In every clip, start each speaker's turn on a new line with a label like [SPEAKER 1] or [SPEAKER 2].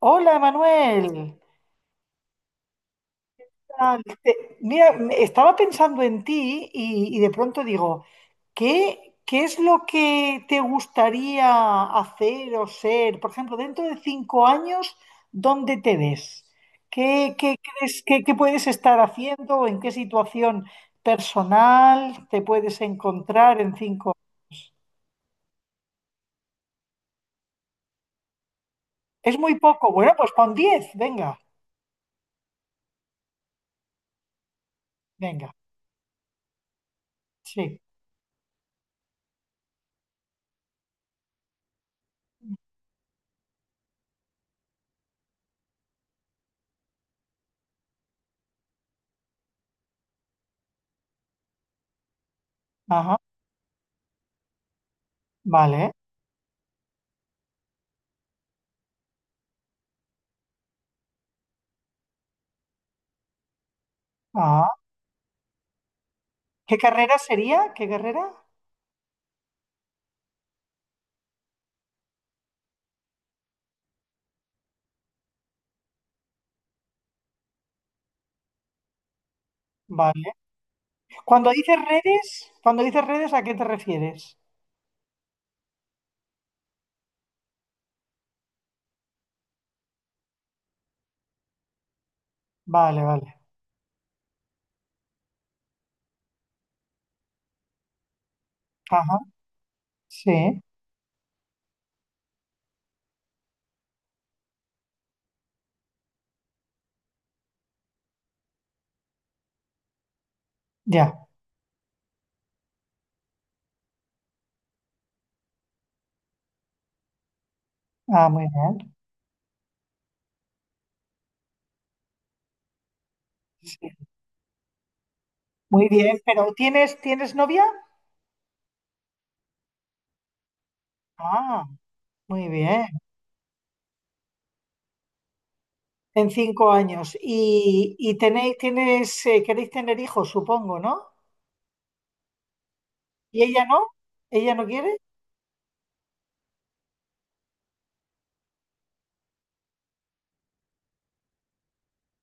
[SPEAKER 1] Hola, Manuel. Ah, Mira, estaba pensando en ti y de pronto digo, ¿Qué es lo que te gustaría hacer o ser? Por ejemplo, dentro de 5 años, ¿dónde te ves? ¿Qué crees que puedes estar haciendo? ¿En qué situación personal te puedes encontrar en cinco? Es muy poco. Bueno, pues pon 10. Venga, venga. Sí. Ajá. Vale. Ah. ¿Qué carrera sería? ¿Qué carrera? Vale. Cuando dices redes, ¿a qué te refieres? Vale, vale. Ajá. Sí, ya. Ah, muy bien. Sí. Muy bien, pero ¿tienes, tienes novia? Ah, muy bien. En 5 años. Y tenéis, tienes, queréis tener hijos, supongo, ¿no? ¿Y ella no? ¿Ella no quiere?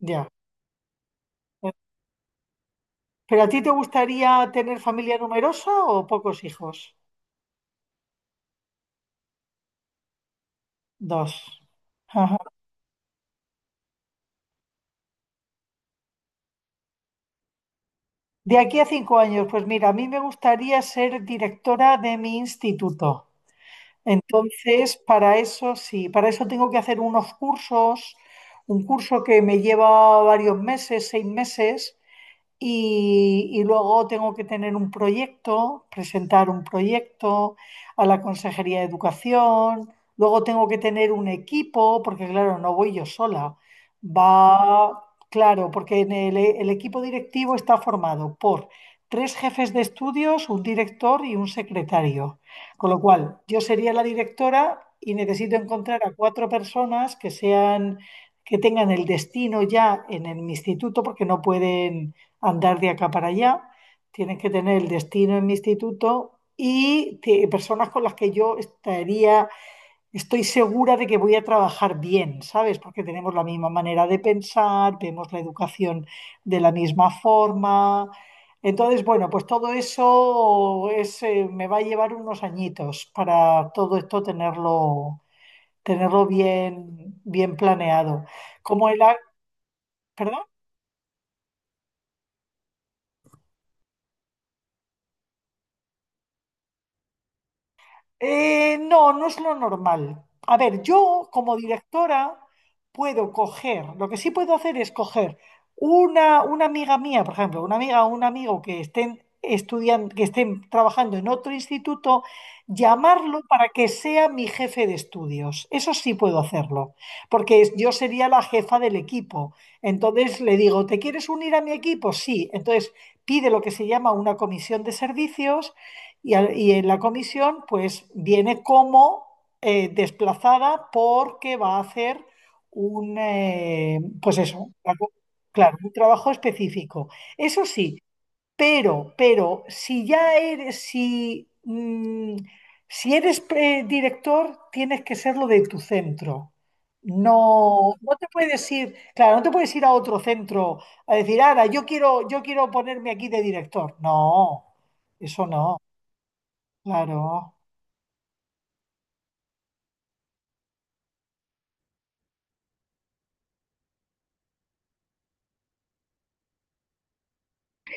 [SPEAKER 1] Ya. ¿Pero a ti te gustaría tener familia numerosa o pocos hijos? Dos. De aquí a 5 años, pues mira, a mí me gustaría ser directora de mi instituto. Entonces, para eso sí, para eso tengo que hacer unos cursos, un curso que me lleva varios meses, 6 meses, y luego tengo que tener un proyecto, presentar un proyecto a la Consejería de Educación. Luego tengo que tener un equipo, porque claro, no voy yo sola. Va, claro, porque en el equipo directivo está formado por tres jefes de estudios, un director y un secretario. Con lo cual, yo sería la directora y necesito encontrar a cuatro personas que sean, que tengan el destino ya en el instituto, porque no pueden andar de acá para allá, tienes que tener el destino en mi instituto y personas con las que yo estaría, estoy segura de que voy a trabajar bien, ¿sabes? Porque tenemos la misma manera de pensar, vemos la educación de la misma forma. Entonces, bueno, pues todo eso es, me va a llevar unos añitos para todo esto tenerlo, tenerlo bien, bien planeado. Como ¿Perdón? No, no es lo normal. A ver, yo como directora puedo coger, lo que sí puedo hacer es coger una amiga mía, por ejemplo, una amiga o un amigo que estén estudiando, que estén trabajando en otro instituto, llamarlo para que sea mi jefe de estudios. Eso sí puedo hacerlo, porque yo sería la jefa del equipo. Entonces le digo, ¿te quieres unir a mi equipo? Sí. Entonces pide lo que se llama una comisión de servicios y en la comisión pues viene como desplazada porque va a hacer un, pues eso, claro, un trabajo específico. Eso sí, pero si ya eres, si, mm, si eres director, tienes que serlo de tu centro. No, no te puedes ir, claro, no te puedes ir a otro centro a decir, ahora, yo quiero ponerme aquí de director. No, eso no. Claro.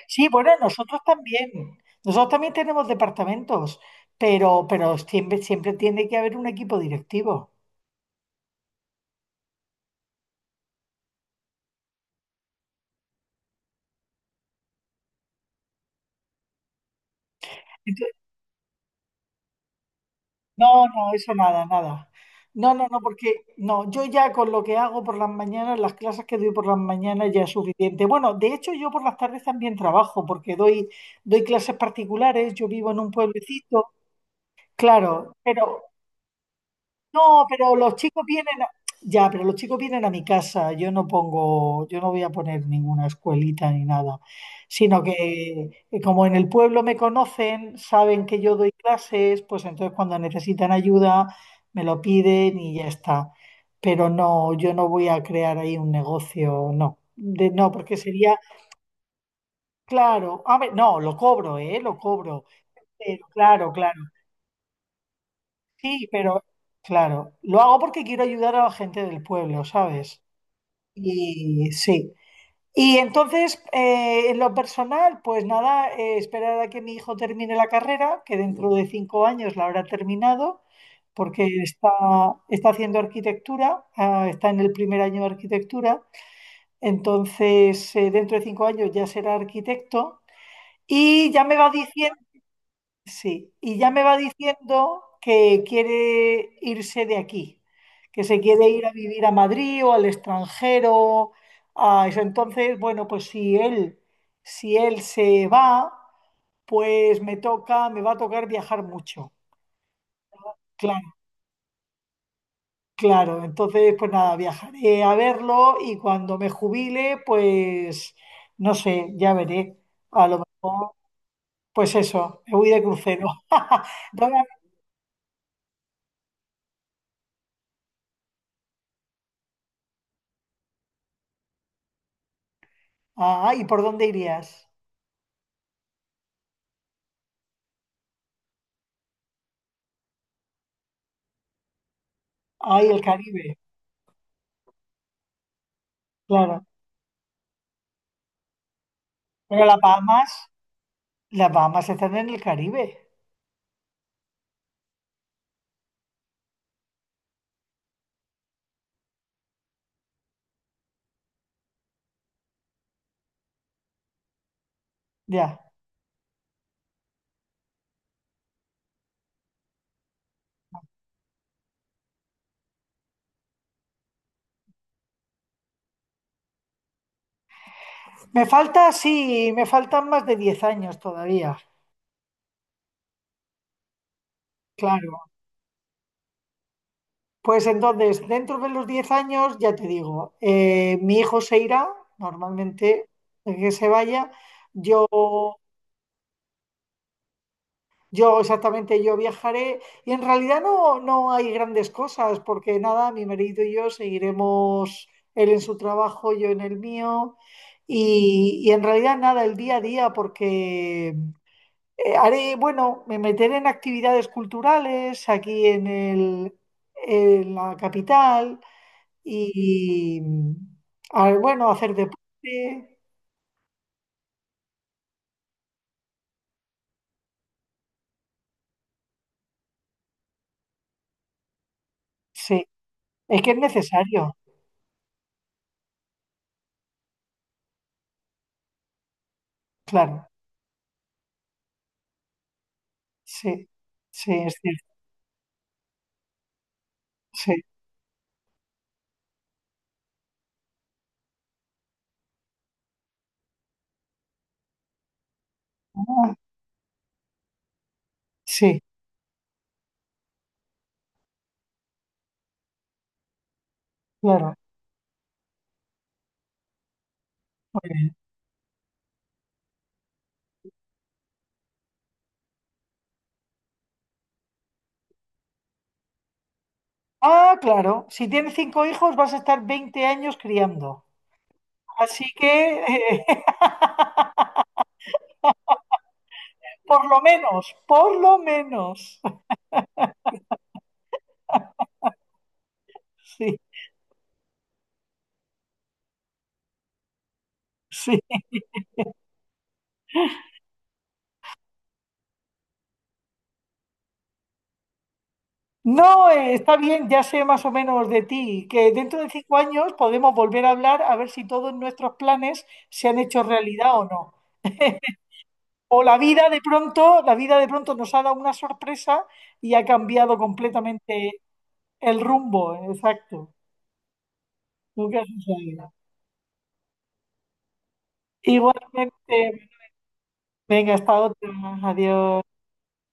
[SPEAKER 1] Sí, bueno, nosotros también. Nosotros también tenemos departamentos, pero siempre, siempre tiene que haber un equipo directivo. Entonces, no, no, eso nada, nada. No, no, no, porque no, yo ya con lo que hago por las mañanas, las clases que doy por las mañanas ya es suficiente. Bueno, de hecho yo por las tardes también trabajo porque doy clases particulares, yo vivo en un pueblecito, claro, pero no, pero los chicos vienen, ya, pero los chicos vienen a mi casa. Yo no pongo, yo no voy a poner ninguna escuelita ni nada, sino que como en el pueblo me conocen, saben que yo doy clases, pues entonces cuando necesitan ayuda me lo piden y ya está. Pero no, yo no voy a crear ahí un negocio, no, no, porque sería, claro, a ver, no, lo cobro, ¿eh? Lo cobro, pero claro, claro. Sí, pero claro, lo hago porque quiero ayudar a la gente del pueblo, ¿sabes? Y sí. Y entonces, en lo personal, pues nada, esperar a que mi hijo termine la carrera, que dentro de 5 años la habrá terminado, porque está haciendo arquitectura, ah, está en el primer año de arquitectura, entonces dentro de 5 años ya será arquitecto y ya me va diciendo. Sí, y ya me va diciendo que quiere irse de aquí, que se quiere ir a vivir a Madrid o al extranjero, a eso. Entonces, bueno, pues si él, si él se va, pues me toca, me va a tocar viajar mucho. Claro, claro. Entonces, pues nada, viajaré a verlo y cuando me jubile, pues no sé, ya veré. A lo mejor, pues eso, me voy de crucero. ¿Dónde- Ah, ¿y por dónde irías? Ay, el Caribe, claro. Pero las Bahamas están en el Caribe, ya. Me falta, sí, me faltan más de 10 años todavía, claro. Pues entonces, dentro de los 10 años, ya te digo, mi hijo se irá, normalmente, el que se vaya. Yo Yo exactamente, yo viajaré y en realidad no, no hay grandes cosas porque nada, mi marido y yo seguiremos él en su trabajo, yo en el mío y en realidad nada, el día a día porque haré, bueno, me meteré en actividades culturales aquí en el, en la capital y, a ver, bueno, hacer deporte, sí, es que es necesario, claro, sí, sí, es cierto, sí. Ah. Sí, claro. Muy bien. Ah, claro. Si tienes cinco hijos, vas a estar 20 años criando. Así que, por lo menos, por lo menos. Sí, sí. No, está bien, ya sé más o menos de ti, que dentro de 5 años podemos volver a hablar a ver si todos nuestros planes se han hecho realidad o no. O la vida de pronto, la vida de pronto nos ha dado una sorpresa y ha cambiado completamente el rumbo. Exacto. Nunca se sabe. Igualmente. Venga, hasta otra. Adiós.